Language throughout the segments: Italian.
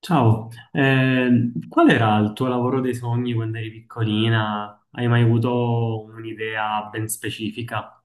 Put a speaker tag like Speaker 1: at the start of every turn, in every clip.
Speaker 1: Ciao, qual era il tuo lavoro dei sogni quando eri piccolina? Hai mai avuto un'idea ben specifica?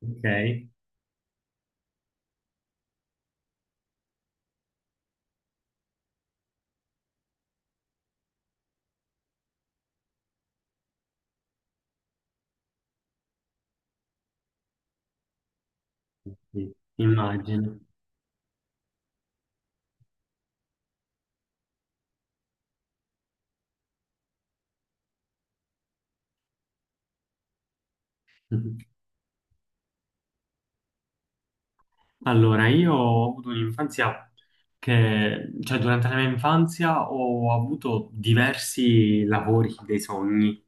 Speaker 1: Ok, sì, immagino. Allora, io ho avuto un'infanzia cioè durante la mia infanzia ho avuto diversi lavori dei sogni,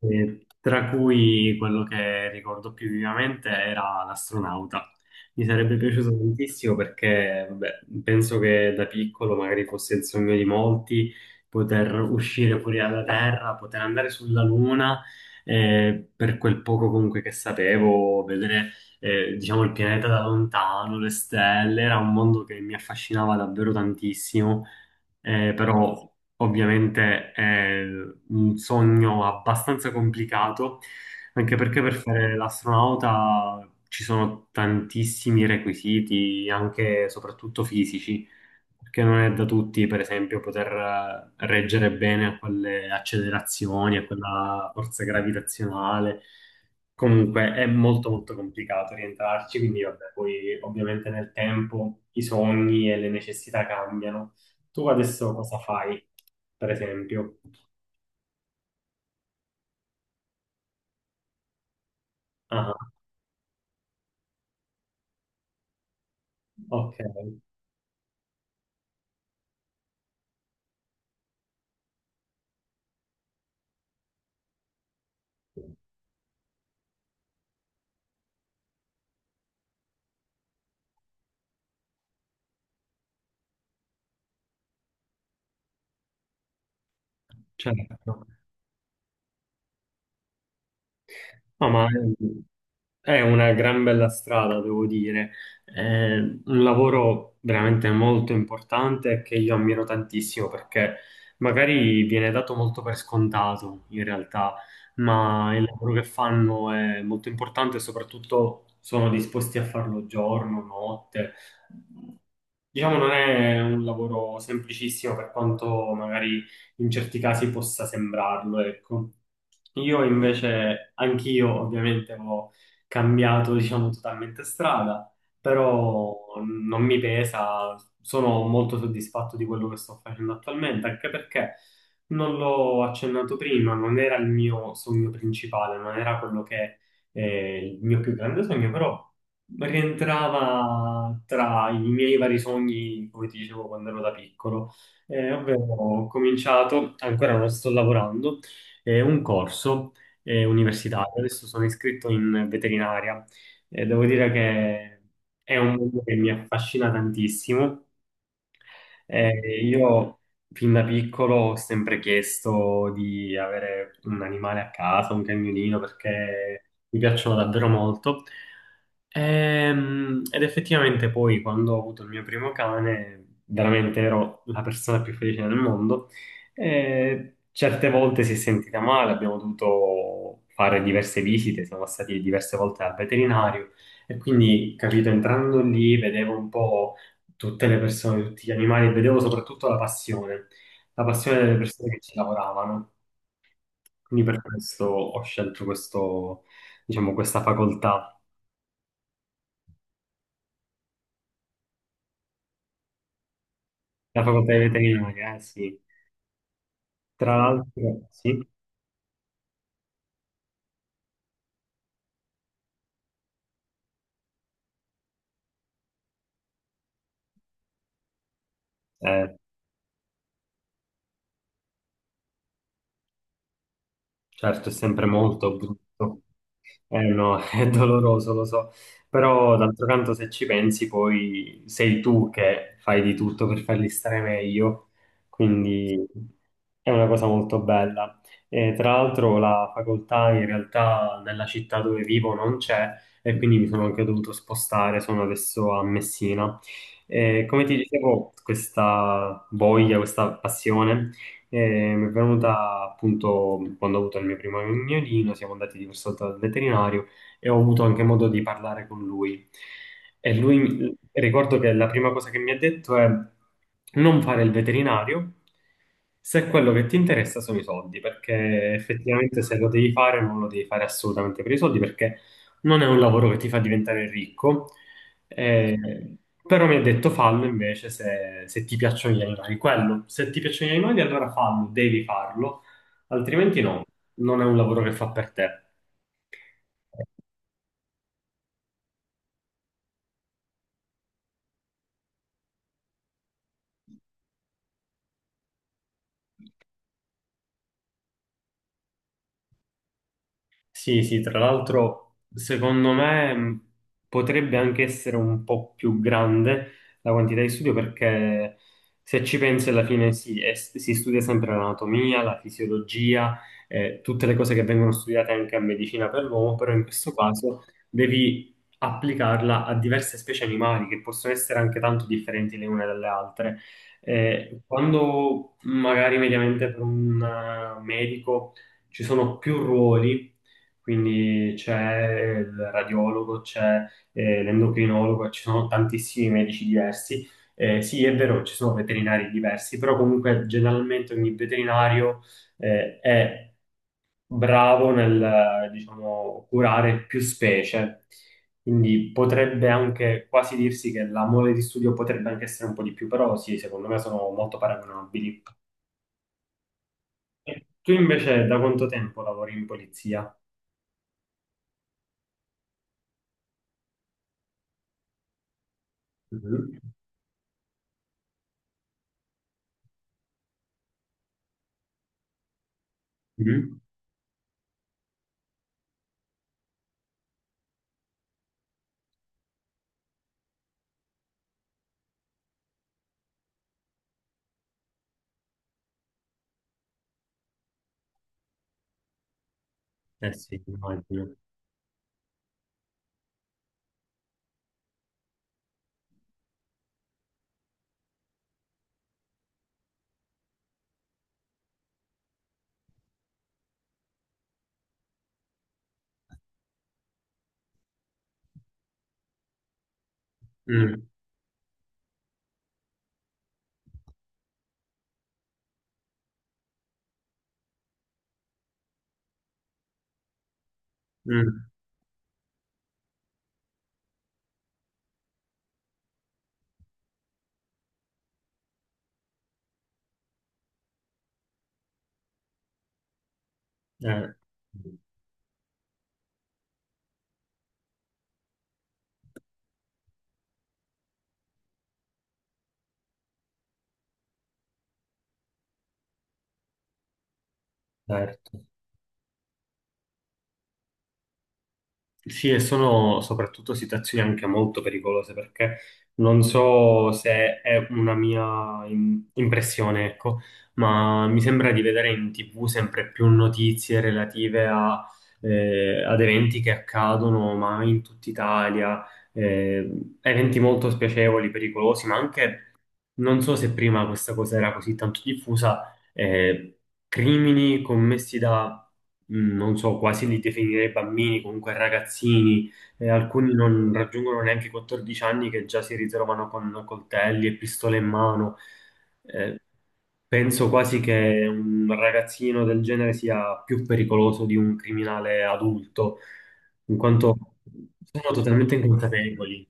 Speaker 1: tra cui quello che ricordo più vivamente era l'astronauta. Mi sarebbe piaciuto tantissimo perché, vabbè, penso che da piccolo magari fosse il sogno di molti poter uscire fuori dalla Terra, poter andare sulla Luna, per quel poco comunque che sapevo, vedere diciamo il pianeta da lontano, le stelle, era un mondo che mi affascinava davvero tantissimo, però ovviamente è un sogno abbastanza complicato, anche perché per fare l'astronauta ci sono tantissimi requisiti, anche e soprattutto fisici, perché non è da tutti, per esempio, poter reggere bene a quelle accelerazioni, a quella forza gravitazionale. Comunque è molto molto complicato rientrarci, quindi vabbè, poi ovviamente nel tempo i sogni e le necessità cambiano. Tu adesso cosa fai, per esempio? Ah, ok, certo. No, ma è una gran bella strada, devo dire. È un lavoro veramente molto importante che io ammiro tantissimo perché magari viene dato molto per scontato in realtà, ma il lavoro che fanno è molto importante e soprattutto sono disposti a farlo giorno, notte. Diciamo non è un lavoro semplicissimo per quanto magari in certi casi possa sembrarlo, ecco. Io invece, anch'io ovviamente ho cambiato, diciamo, totalmente strada, però non mi pesa, sono molto soddisfatto di quello che sto facendo attualmente, anche perché non l'ho accennato prima, non era il mio sogno principale, non era quello che è il mio più grande sogno, però rientrava tra i miei vari sogni, come ti dicevo quando ero da piccolo. Ovvero ho cominciato, ancora non sto lavorando, un corso universitario. Adesso sono iscritto in veterinaria. Devo dire che è un mondo che mi affascina tantissimo, io fin da piccolo ho sempre chiesto di avere un animale a casa, un cagnolino, perché mi piacciono davvero molto. Ed effettivamente poi quando ho avuto il mio primo cane, veramente ero la persona più felice del mondo. E certe volte si è sentita male, abbiamo dovuto fare diverse visite, siamo stati diverse volte al veterinario e quindi, capito, entrando lì vedevo un po' tutte le persone, tutti gli animali, e vedevo soprattutto la passione delle persone che ci lavoravano. Quindi per questo ho scelto questo, diciamo, questa facoltà, la facoltà di veterinaria, sì. Tra l'altro, sì, eh, certo, è sempre molto brutto. Eh no, è doloroso, lo so. Però d'altro canto, se ci pensi, poi sei tu che fai di tutto per farli stare meglio. Quindi è una cosa molto bella. E, tra l'altro, la facoltà in realtà nella città dove vivo non c'è e quindi mi sono anche dovuto spostare, sono adesso a Messina. E, come ti dicevo, questa voglia, questa passione e mi è venuta appunto quando ho avuto il mio primo agnolino, siamo andati diverse volte dal veterinario e ho avuto anche modo di parlare con lui. E lui, ricordo che la prima cosa che mi ha detto è non fare il veterinario se quello che ti interessa sono i soldi, perché effettivamente se lo devi fare non lo devi fare assolutamente per i soldi, perché non è un lavoro che ti fa diventare ricco, eh, però mi ha detto fallo invece se ti piacciono gli animali. Quello, se ti piacciono gli animali, allora fallo, devi farlo, altrimenti no, non è un lavoro che fa per te. Sì, sì, tra l'altro secondo me potrebbe anche essere un po' più grande la quantità di studio perché se ci pensi alla fine sì, si studia sempre l'anatomia, la fisiologia, tutte le cose che vengono studiate anche a medicina per l'uomo, però in questo caso devi applicarla a diverse specie animali che possono essere anche tanto differenti le une dalle altre. Quando magari mediamente per un medico ci sono più ruoli, quindi c'è il radiologo, c'è l'endocrinologo, ci sono tantissimi medici diversi. Sì, è vero, ci sono veterinari diversi, però comunque generalmente ogni veterinario è bravo nel, diciamo, curare più specie. Quindi potrebbe anche quasi dirsi che la mole di studio potrebbe anche essere un po' di più, però sì, secondo me sono molto paragonabili. E tu invece da quanto tempo lavori in polizia? Mhm. Mhm. Eh sì, immagino. Mm, mm, eh, certo. Sì, e sono soprattutto situazioni anche molto pericolose perché non so se è una mia impressione, ecco, ma mi sembra di vedere in TV sempre più notizie relative a ad eventi che accadono, ma in tutta Italia, eh, eventi molto spiacevoli, pericolosi, ma anche non so se prima questa cosa era così tanto diffusa, crimini commessi da, non so, quasi li definirei bambini, comunque ragazzini, alcuni non raggiungono neanche i 14 anni che già si ritrovano con coltelli e pistole in mano. Eh, penso quasi che un ragazzino del genere sia più pericoloso di un criminale adulto, in quanto sono totalmente inconsapevoli.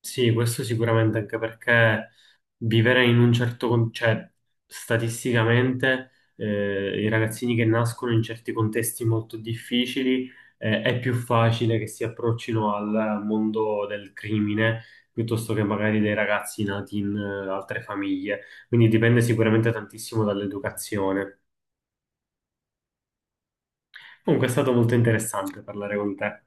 Speaker 1: Sì, questo sicuramente anche perché vivere in un certo, cioè statisticamente i ragazzini che nascono in certi contesti molto difficili, è più facile che si approccino al mondo del crimine piuttosto che magari dei ragazzi nati in altre famiglie. Quindi dipende sicuramente tantissimo dall'educazione. Comunque è stato molto interessante parlare con te.